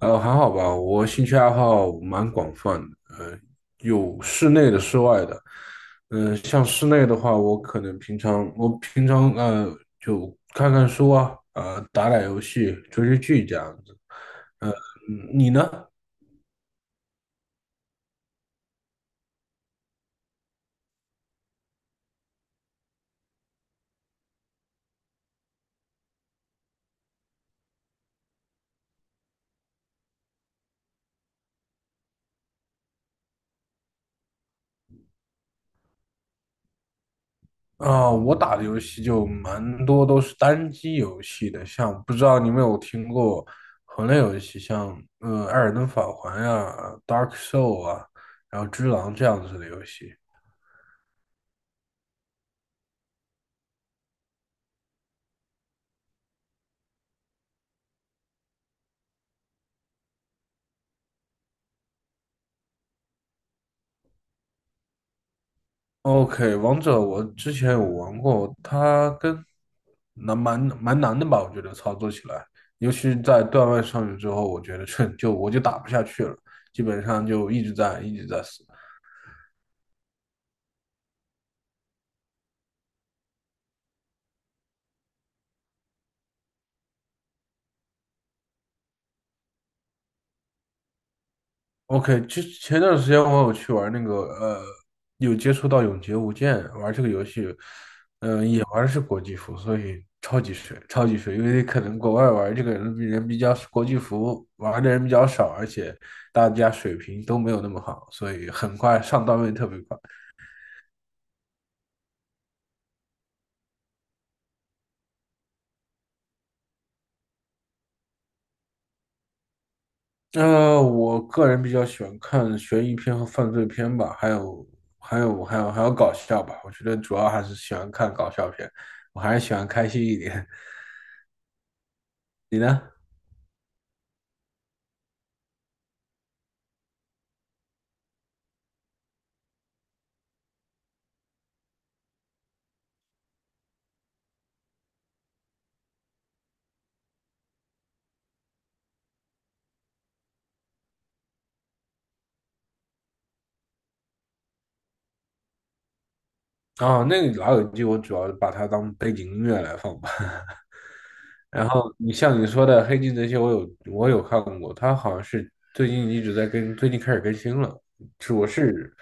还好吧，我兴趣爱好蛮广泛的，有室内的、室外的。像室内的话，我平常就看看书啊，打打游戏、追追剧这样子。呃，你呢？啊、我打的游戏就蛮多都是单机游戏的，像不知道你有没有听过魂类游戏，像《艾尔登法环》呀、《Dark Soul》啊，然后《只狼》这样子的游戏。OK,王者我之前有玩过，它跟难蛮蛮难的吧？我觉得操作起来，尤其在段位上去之后，我觉得我就打不下去了，基本上就一直在死。OK,其实前段时间我有去玩有接触到《永劫无间》玩这个游戏，玩的是国际服，所以超级水，超级水。因为可能国外玩这个人比人比较国际服玩的人比较少，而且大家水平都没有那么好，所以很快上段位特别快。我个人比较喜欢看悬疑片和犯罪片吧，还有搞笑吧。我觉得主要还是喜欢看搞笑片，我还是喜欢开心一点。你呢？哦，那个《老友记》我主要把它当背景音乐来放吧。然后你像你说的《黑镜》这些，我有看过，他好像是最近一直在更，最近开始更新了。是我是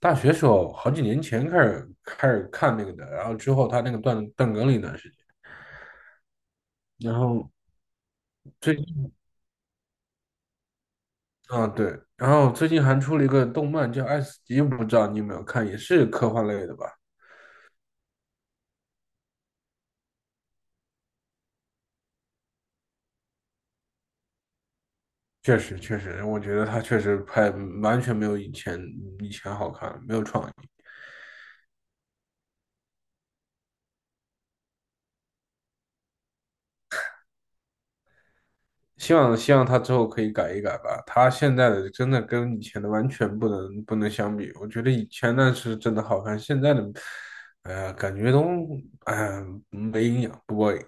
大学时候好几年前开始看那个的，然后之后他那个断更了一段时间。然后最近啊对，然后最近还出了一个动漫叫《爱死机》，不知道你有没有看，也是科幻类的吧？确实确实，我觉得他确实拍完全没有以前好看，没有创意。希望他之后可以改一改吧。他现在的真的跟以前的完全不能相比。我觉得以前那是真的好看，现在的，哎呀，感觉都哎呀没营养，不过瘾。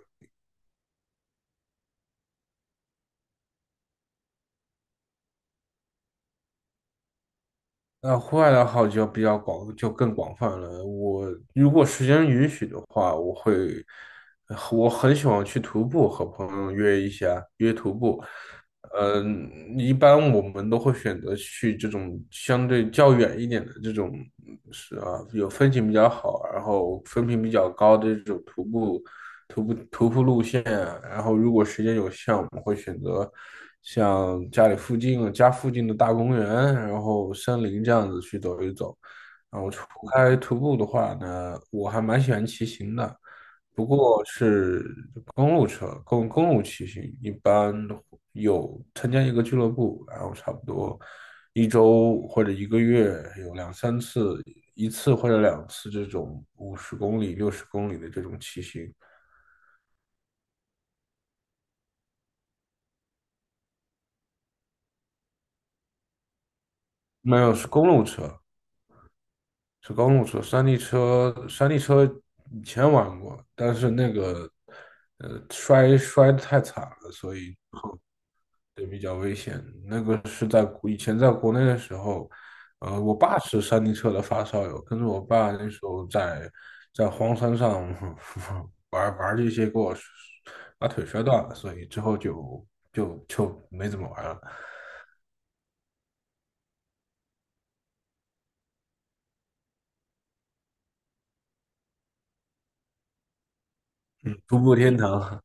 那户外的好就比较广，就更广泛了。我如果时间允许的话，我会，我很喜欢去徒步，和朋友约一下，约徒步。嗯，一般我们都会选择去这种相对较远一点的这种，是啊，有风景比较好，然后风评比较高的这种徒步路线，然后如果时间有限，我们会选择像家里附近、家附近的大公园，然后森林这样子去走一走。然后除开徒步的话呢，我还蛮喜欢骑行的，不过是公路车，公路骑行，一般有参加一个俱乐部，然后差不多一周或者一个月有两三次，一次或者两次这种50公里、60公里的这种骑行。没有，是公路车，是公路车。山地车，山地车以前玩过，但是那个，摔得太惨了，所以对，比较危险。那个是以前在国内的时候，我爸是山地车的发烧友，跟着我爸那时候在荒山上 玩玩这些，给我把腿摔断了，所以之后就没怎么玩了。徒步天堂，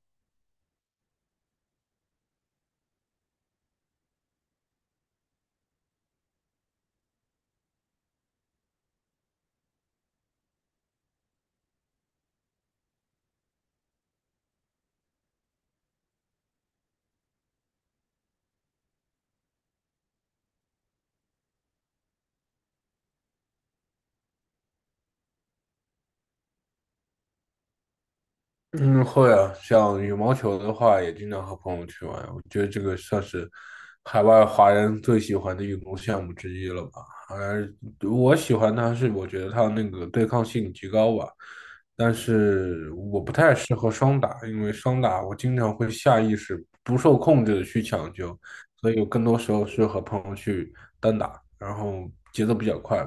嗯，会啊，像羽毛球的话，也经常和朋友去玩。我觉得这个算是海外华人最喜欢的运动项目之一了吧。而我喜欢它是，我觉得它那个对抗性极高吧。但是我不太适合双打，因为双打我经常会下意识不受控制的去抢球，所以我更多时候是和朋友去单打，然后节奏比较快，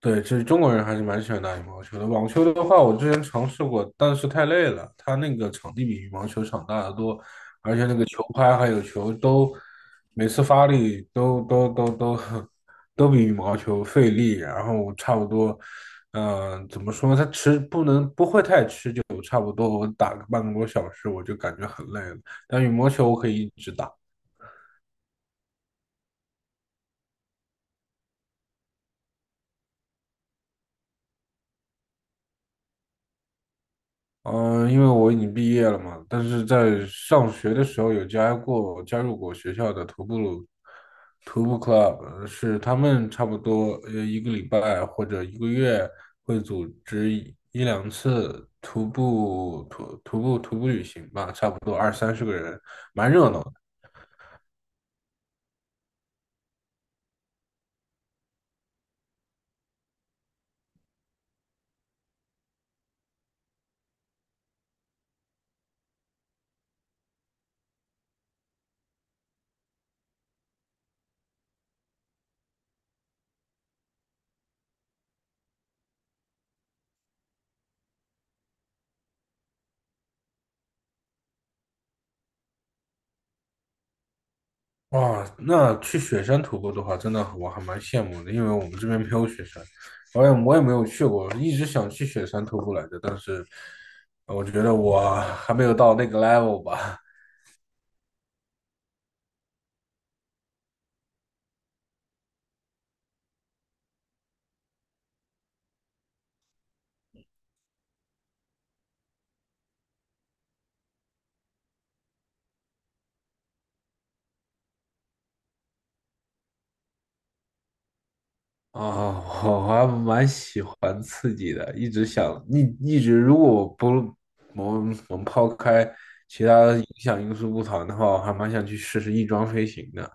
对，其实中国人还是蛮喜欢打羽毛球的。网球的话，我之前尝试过，但是太累了，它那个场地比羽毛球场大得多，而且那个球拍还有球都，每次发力都都都都 都比羽毛球费力。然后差不多，怎么说呢？它持不能不会太持久，差不多我打个半个多小时我就感觉很累了。但羽毛球我可以一直打。嗯，因为我已经毕业了嘛，但是在上学的时候有加入过学校的徒步 club,是他们差不多一个礼拜或者一个月会组织一两次徒步旅行吧，差不多二三十个人，蛮热闹。哇，那去雪山徒步的话，真的我还蛮羡慕的，因为我们这边没有雪山，我也没有去过，一直想去雪山徒步来着，但是我觉得我还没有到那个 level 吧。啊，我还蛮喜欢刺激的，一直想一一直，如果我不我们我们抛开其他影响因素不谈的话，我还蛮想去试试翼装飞行的。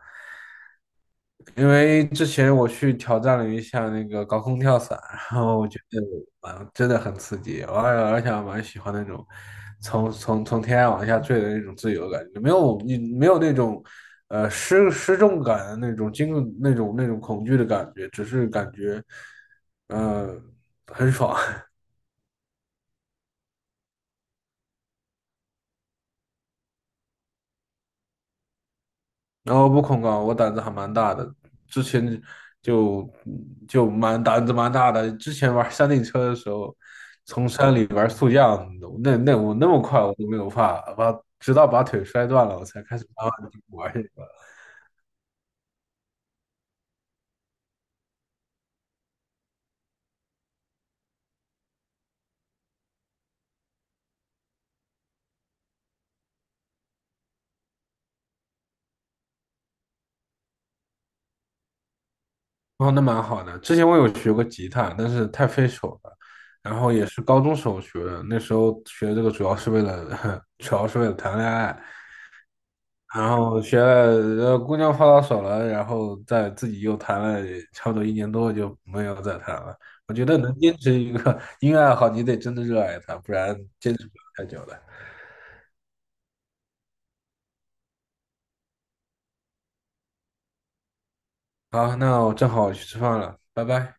因为之前我去挑战了一下那个高空跳伞，然后我觉得蛮真的很刺激，而且我蛮喜欢那种从天上往下坠的那种自由感，没有那种失重感的那种那种恐惧的感觉，只是感觉呃很爽。然后不恐高，我胆子还蛮大的，之前就就胆子蛮大的。之前玩山地车的时候，从山里玩速降，那我那么快我都没有怕，直到把腿摔断了，我才开始慢慢地玩。哦，那蛮好的。之前我有学过吉他，但是太费手了，然后也是高中时候学的。那时候学这个主要是为了，主要是为了谈恋爱。然后学了，姑娘泡到手了，然后再自己又谈了差不多一年多，就没有再谈了。我觉得能坚持一个 音乐爱好，你得真的热爱它，不然坚持不了太久的。好，那我正好去吃饭了，拜拜。